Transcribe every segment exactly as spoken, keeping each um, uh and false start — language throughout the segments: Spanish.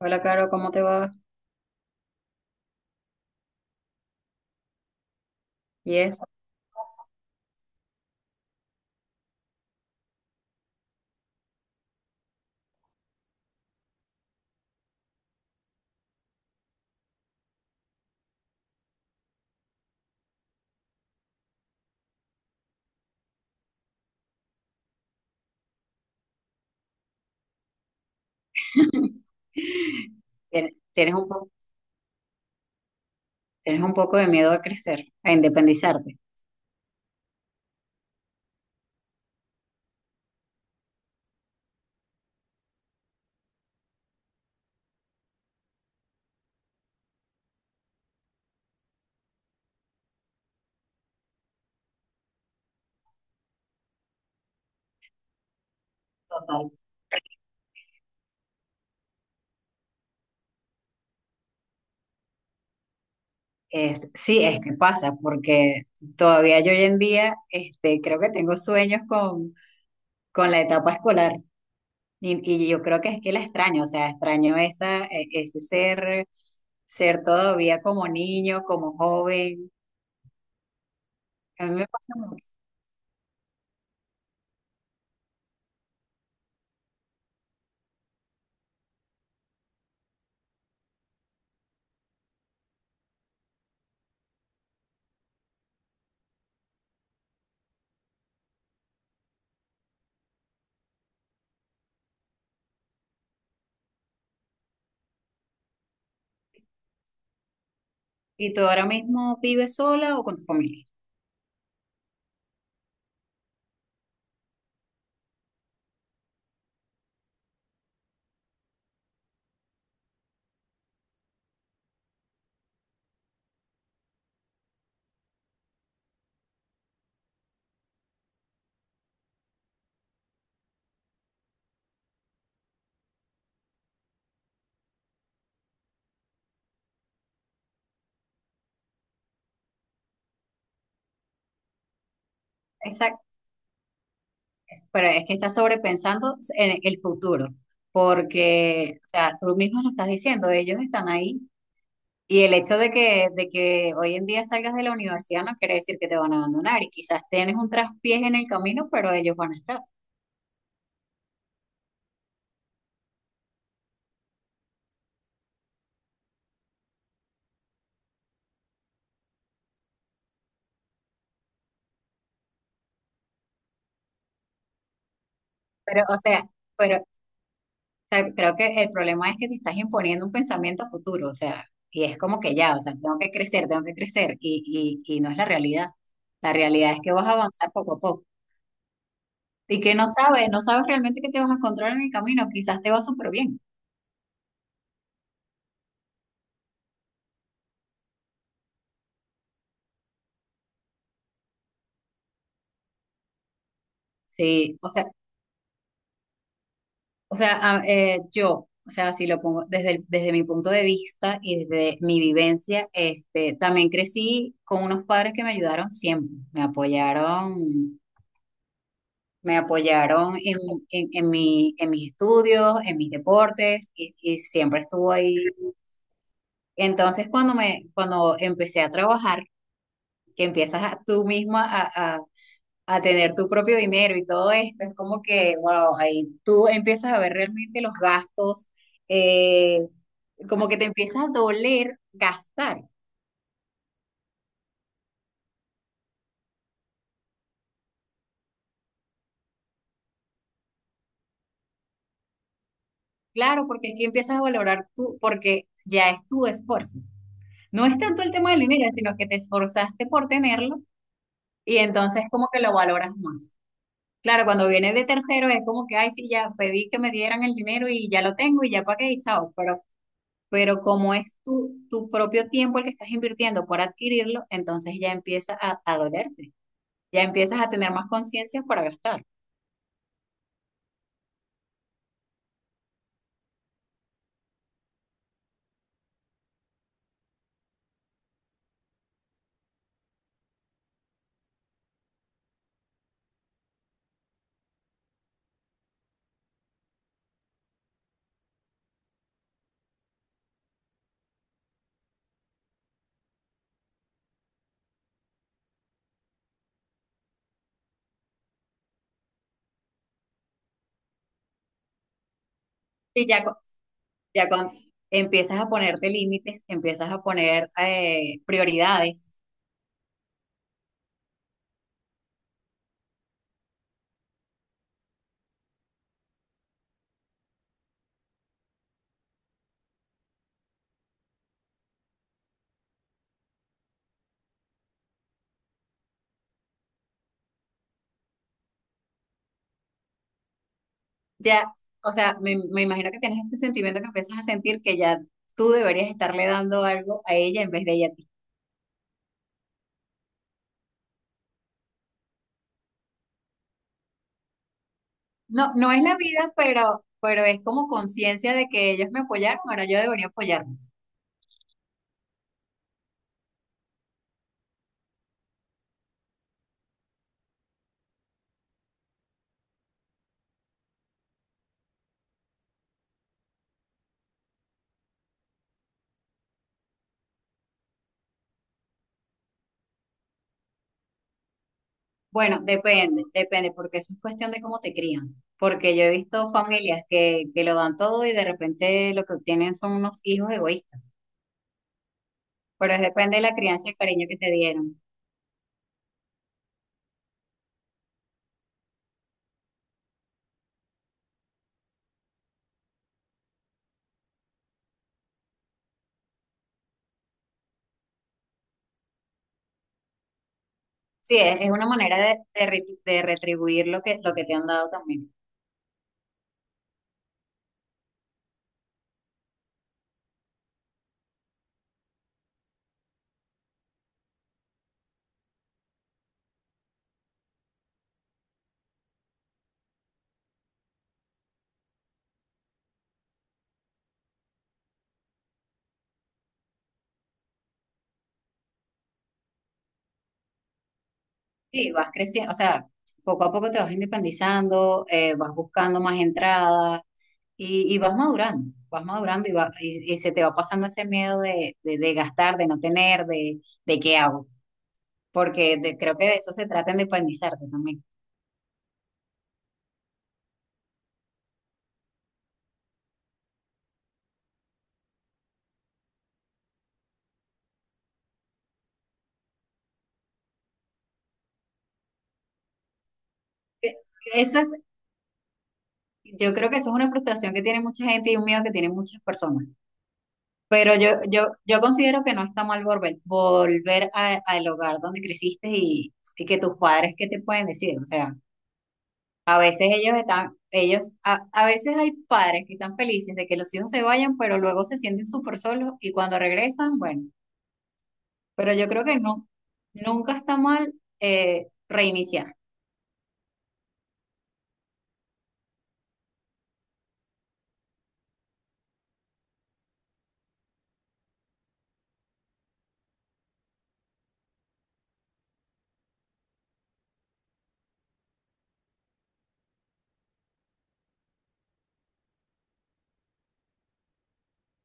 Hola, Caro, ¿cómo te va? Y eso. Tien- Tienes un poco, tienes un poco de miedo a crecer, a independizarte. Total. Es- sí, es que pasa, porque todavía yo hoy en día este, creo que tengo sueños con, con la etapa escolar y, y yo creo que es que la extraño, o sea, extraño esa, e- ese ser, ser todavía como niño, como joven. A mí me pasa mucho. ¿Y tú ahora mismo vives sola o con tu familia? Pero es que estás sobrepensando en el futuro, porque, o sea, tú mismo lo estás diciendo, ellos están ahí. Y el hecho de que, de que hoy en día salgas de la universidad no quiere decir que te van a abandonar y quizás tienes un traspiés en el camino, pero ellos van a estar. Pero, o sea, pero o sea, creo que el problema es que te estás imponiendo un pensamiento a futuro, o sea, y es como que ya, o sea, tengo que crecer, tengo que crecer, y, y, y no es la realidad. La realidad es que vas a avanzar poco a poco. Y que no sabes, no sabes realmente qué te vas a encontrar en el camino, quizás te va súper bien. Sí. O sea, o sea, a- eh, yo, o sea, si lo pongo desde, el- desde mi punto de vista y desde mi vivencia, este, también crecí con unos padres que me ayudaron siempre, me apoyaron, me apoyaron en, en, en mi, en mis estudios, en mis deportes, y, y siempre estuvo ahí. Entonces, cuando me, cuando empecé a trabajar, que empiezas a, tú misma a tener tu propio dinero y todo esto, es como que, wow, ahí tú empiezas a ver realmente los gastos, eh, como que te empieza a doler gastar. Claro, porque es que empiezas a valorar tú, porque ya es tu esfuerzo. No es tanto el tema del dinero, sino que te esforzaste por tenerlo y entonces como que lo valoras más. Claro, cuando viene de tercero es como que, ay, sí, ya pedí que me dieran el dinero y ya lo tengo y ya pagué y chao, pero pero como es tu, tu propio tiempo el que estás invirtiendo por adquirirlo, entonces ya empieza a, a dolerte, ya empiezas a tener más conciencia para gastar. Y ya, con ya con, empiezas a ponerte límites, empiezas a poner eh, prioridades. Ya, o sea, me, me imagino que tienes este sentimiento que empiezas a sentir que ya tú deberías estarle dando algo a ella en vez de ella a ti. No, no es la vida, pero, pero es como conciencia de que ellos me apoyaron, ahora yo debería apoyarlos. Bueno, depende, depende, porque eso es cuestión de cómo te crían. Porque yo he visto familias que, que lo dan todo y de repente lo que obtienen son unos hijos egoístas. Pero es depende de la crianza y el cariño que te dieron. Sí, es, es una manera de, de re- de retribuir lo que, lo que te han dado también. Sí, vas creciendo, o sea, poco a poco te vas independizando, eh, vas buscando más entradas y, y vas madurando, vas madurando y, va- y, y se te va pasando ese miedo de, de, de gastar, de no tener, de, de qué hago. Porque de- creo que de eso se trata de independizarte también. Que- que Eso es, yo creo que eso es una frustración que tiene mucha gente y un miedo que tienen muchas personas. Pero yo, yo, yo considero que no está mal volver, volver a- al hogar donde creciste y, y que tus padres, ¿qué te pueden decir? O sea, a veces ellos están, ellos, a, a veces hay padres que están felices de que los hijos se vayan, pero luego se sienten súper solos y cuando regresan, bueno, pero yo creo que no, nunca está mal eh, reiniciar.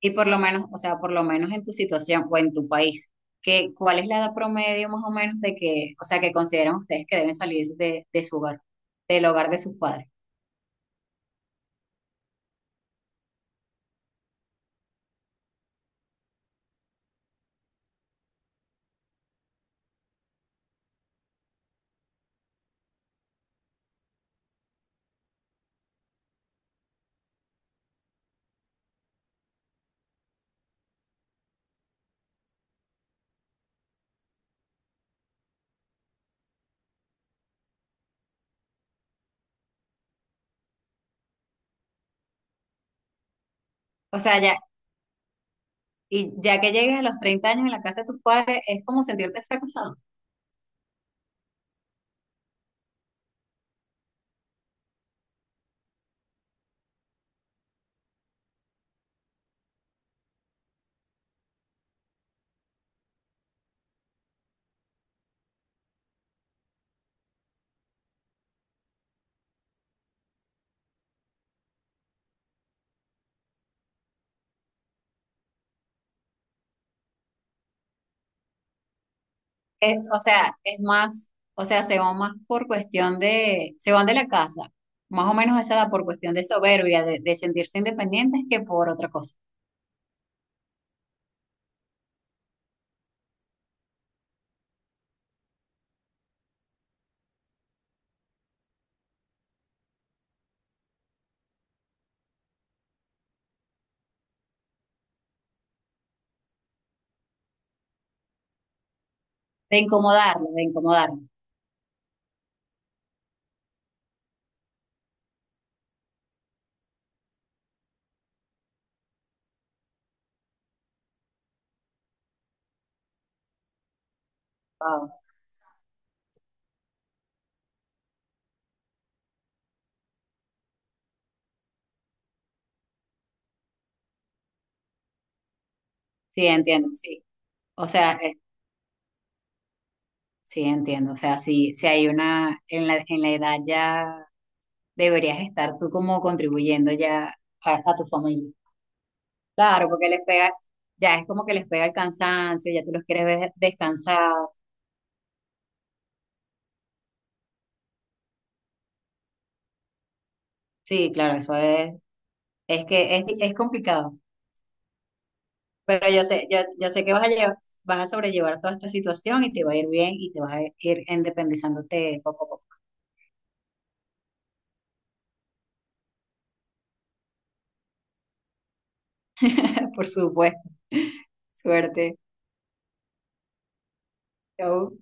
Y por lo menos, o sea, por lo menos en tu situación o en tu país, ¿qué ¿cuál es la edad promedio más o menos de que, o sea, que consideran ustedes que deben salir de, de su hogar, del hogar de sus padres? O sea, ya, y ya que llegues a los treinta años en la casa de tus padres, es como sentirte fracasado. Es, o sea, es más, o sea, se van más por cuestión de, se van de la casa, más o menos a esa edad por cuestión de soberbia, de, de sentirse independientes que por otra cosa, de incomodarlo, de incomodarlo. Wow. Sí, entiendo, sí. O sea, sí, entiendo. O sea, si, si hay una, en la, en la edad ya deberías estar tú como contribuyendo ya a, a tu familia. Claro, porque les pega, ya es como que les pega el cansancio, ya tú los quieres ver descansados. Sí, claro, eso es, es que es, es complicado. Pero yo sé, yo, yo sé que vas a llevar, vas a sobrellevar toda esta situación y te va a ir bien y te vas a ir independizándote poco a poco. Por supuesto. Suerte. Chau.